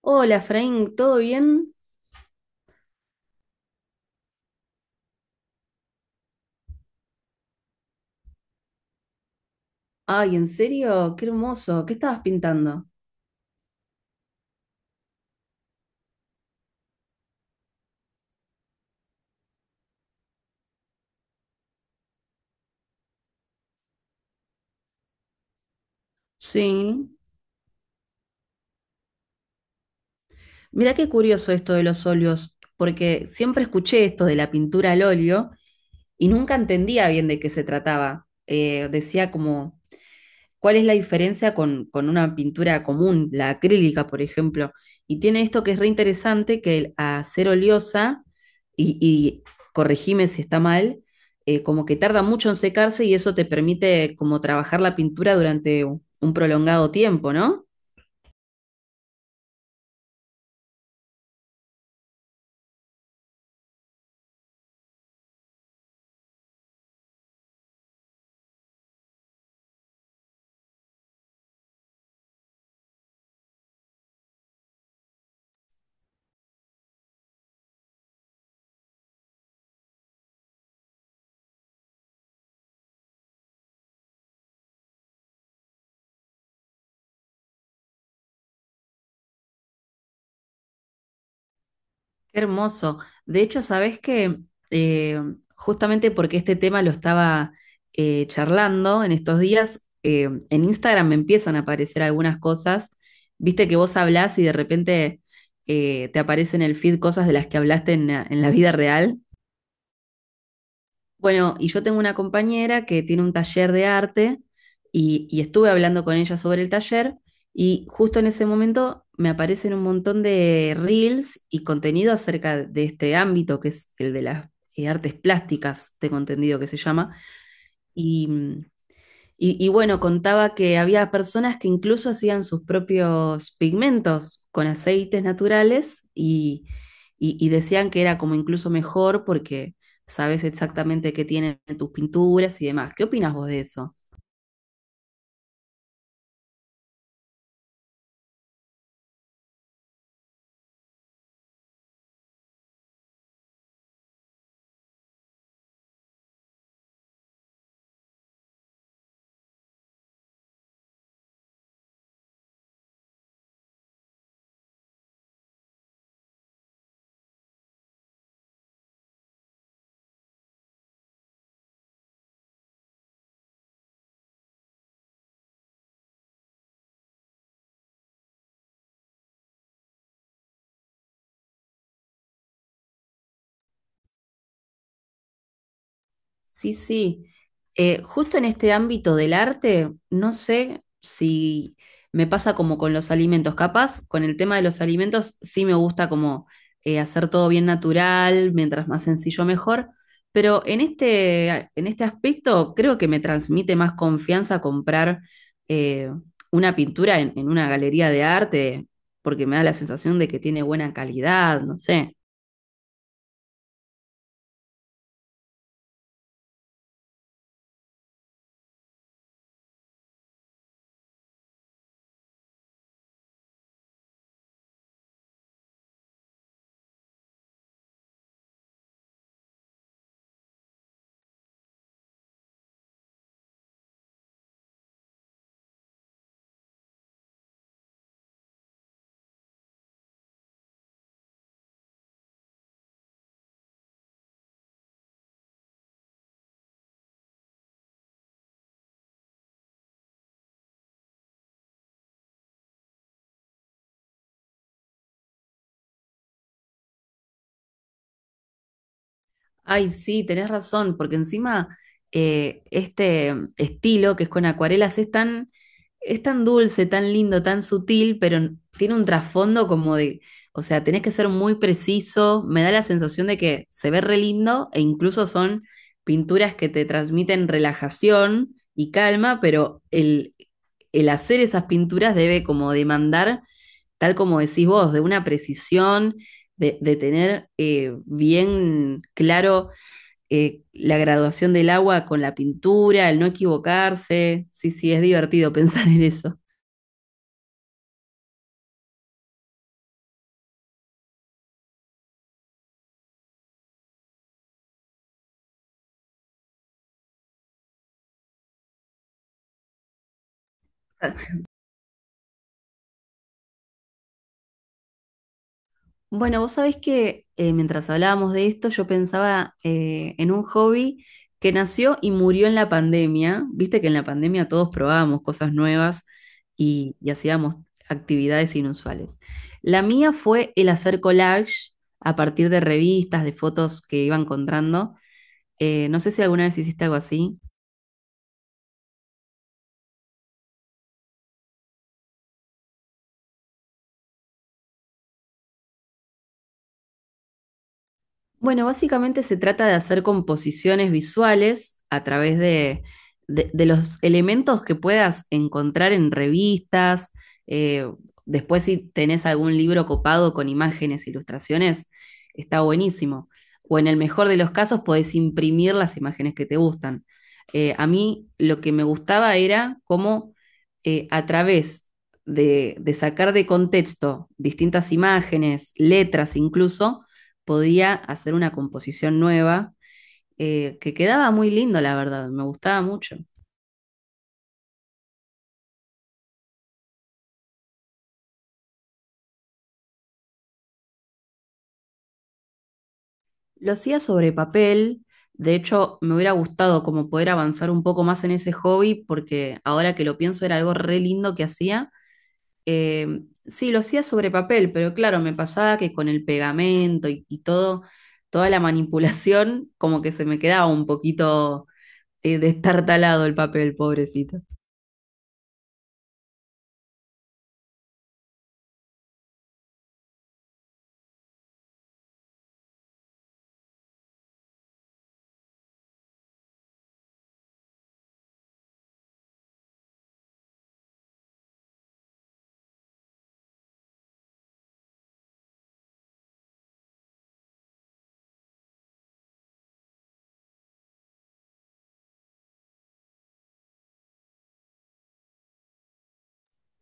Hola, Frank, ¿todo bien? Ay, ¿en serio? Qué hermoso. ¿Qué estabas pintando? Sí. Mirá qué curioso esto de los óleos, porque siempre escuché esto de la pintura al óleo y nunca entendía bien de qué se trataba. Decía como ¿cuál es la diferencia con una pintura común, la acrílica, por ejemplo? Y tiene esto que es re interesante, que a ser oleosa, y corregime si está mal, como que tarda mucho en secarse y eso te permite como trabajar la pintura durante un prolongado tiempo, ¿no? Qué hermoso. De hecho, sabes que justamente porque este tema lo estaba charlando en estos días, en Instagram me empiezan a aparecer algunas cosas. Viste que vos hablás y de repente te aparecen en el feed cosas de las que hablaste en la vida real. Bueno, y yo tengo una compañera que tiene un taller de arte y estuve hablando con ella sobre el taller y justo en ese momento me aparecen un montón de reels y contenido acerca de este ámbito que es el de las artes plásticas, tengo entendido que se llama, y y bueno, contaba que había personas que incluso hacían sus propios pigmentos con aceites naturales y decían que era como incluso mejor porque sabes exactamente qué tienen tus pinturas y demás. ¿Qué opinas vos de eso? Sí, sí. Justo en este ámbito del arte, no sé si me pasa como con los alimentos. Capaz, con el tema de los alimentos, sí me gusta como hacer todo bien natural, mientras más sencillo mejor. Pero en en este aspecto, creo que me transmite más confianza comprar eh, una pintura en una galería de arte, porque me da la sensación de que tiene buena calidad, no sé. Ay, sí, tenés razón, porque encima este estilo que es con acuarelas es es tan dulce, tan lindo, tan sutil, pero tiene un trasfondo como de, o sea, tenés que ser muy preciso, me da la sensación de que se ve re lindo e incluso son pinturas que te transmiten relajación y calma, pero el hacer esas pinturas debe como demandar, tal como decís vos, de una precisión de tener bien claro la graduación del agua con la pintura, el no equivocarse. Sí, sí, es divertido pensar en eso. Bueno, vos sabés que mientras hablábamos de esto, yo pensaba en un hobby que nació y murió en la pandemia. Viste que en la pandemia todos probábamos cosas nuevas y hacíamos actividades inusuales. La mía fue el hacer collage a partir de revistas, de fotos que iba encontrando. No sé si alguna vez hiciste algo así. Bueno, básicamente se trata de hacer composiciones visuales a través de, de los elementos que puedas encontrar en revistas. Eh, después, si tenés algún libro copado con imágenes, ilustraciones, está buenísimo. O en el mejor de los casos, podés imprimir las imágenes que te gustan. A mí lo que me gustaba era cómo, a través de sacar de contexto distintas imágenes, letras incluso, podía hacer una composición nueva, que quedaba muy lindo, la verdad, me gustaba mucho. Lo hacía sobre papel, de hecho me hubiera gustado como poder avanzar un poco más en ese hobby porque ahora que lo pienso era algo re lindo que hacía. Sí, lo hacía sobre papel, pero claro, me pasaba que con el pegamento y todo, toda la manipulación como que se me quedaba un poquito destartalado el papel, pobrecito.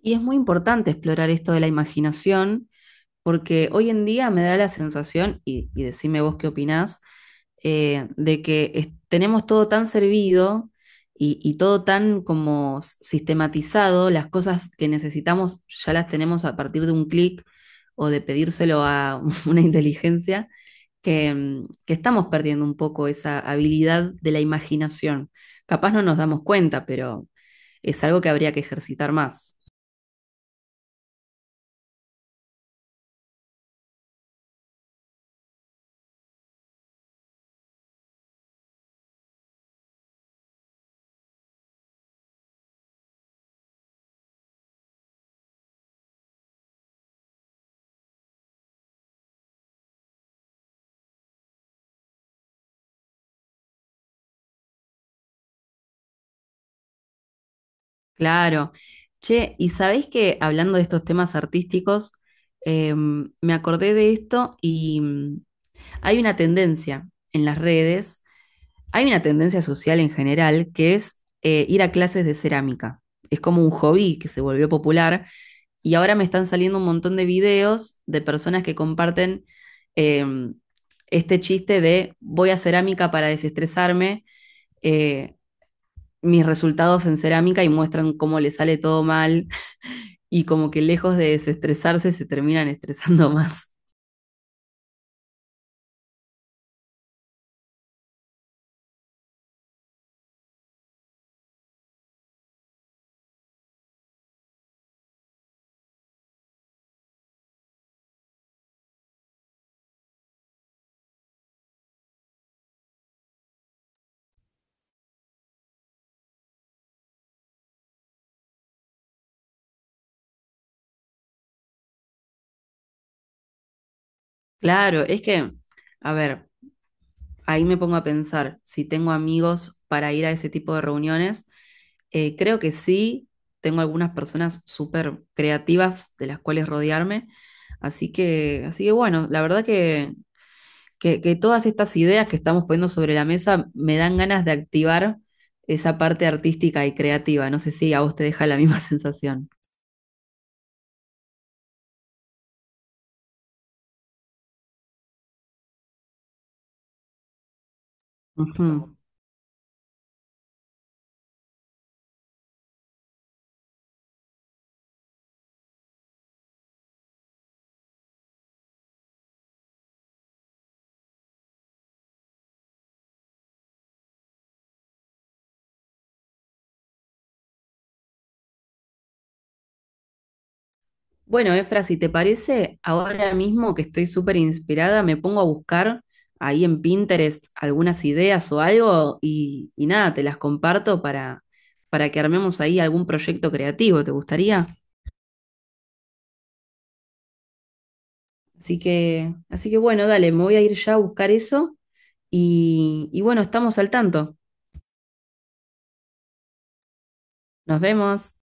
Y es muy importante explorar esto de la imaginación, porque hoy en día me da la sensación, y decime vos qué opinás, de que tenemos todo tan servido y todo tan como sistematizado, las cosas que necesitamos ya las tenemos a partir de un clic o de pedírselo a una inteligencia, que estamos perdiendo un poco esa habilidad de la imaginación. Capaz no nos damos cuenta, pero es algo que habría que ejercitar más. Claro. Che, y sabéis que hablando de estos temas artísticos, me acordé de esto y hay una tendencia en las redes, hay una tendencia social en general que es ir a clases de cerámica. Es como un hobby que se volvió popular. Y ahora me están saliendo un montón de videos de personas que comparten eh, este chiste de voy a cerámica para desestresarme, eh, mis resultados en cerámica y muestran cómo les sale todo mal y como que lejos de desestresarse se terminan estresando más. Claro, es que, a ver, ahí me pongo a pensar si tengo amigos para ir a ese tipo de reuniones. Creo que sí, tengo algunas personas súper creativas de las cuales rodearme. Así que bueno, la verdad que, que todas estas ideas que estamos poniendo sobre la mesa me dan ganas de activar esa parte artística y creativa. No sé si a vos te deja la misma sensación. Ujú. Bueno, Efra, si te parece, ahora mismo que estoy súper inspirada, me pongo a buscar ahí en Pinterest algunas ideas o algo y nada, te las comparto para que armemos ahí algún proyecto creativo, ¿te gustaría? Así que bueno, dale, me voy a ir ya a buscar eso y bueno, estamos al tanto. Nos vemos.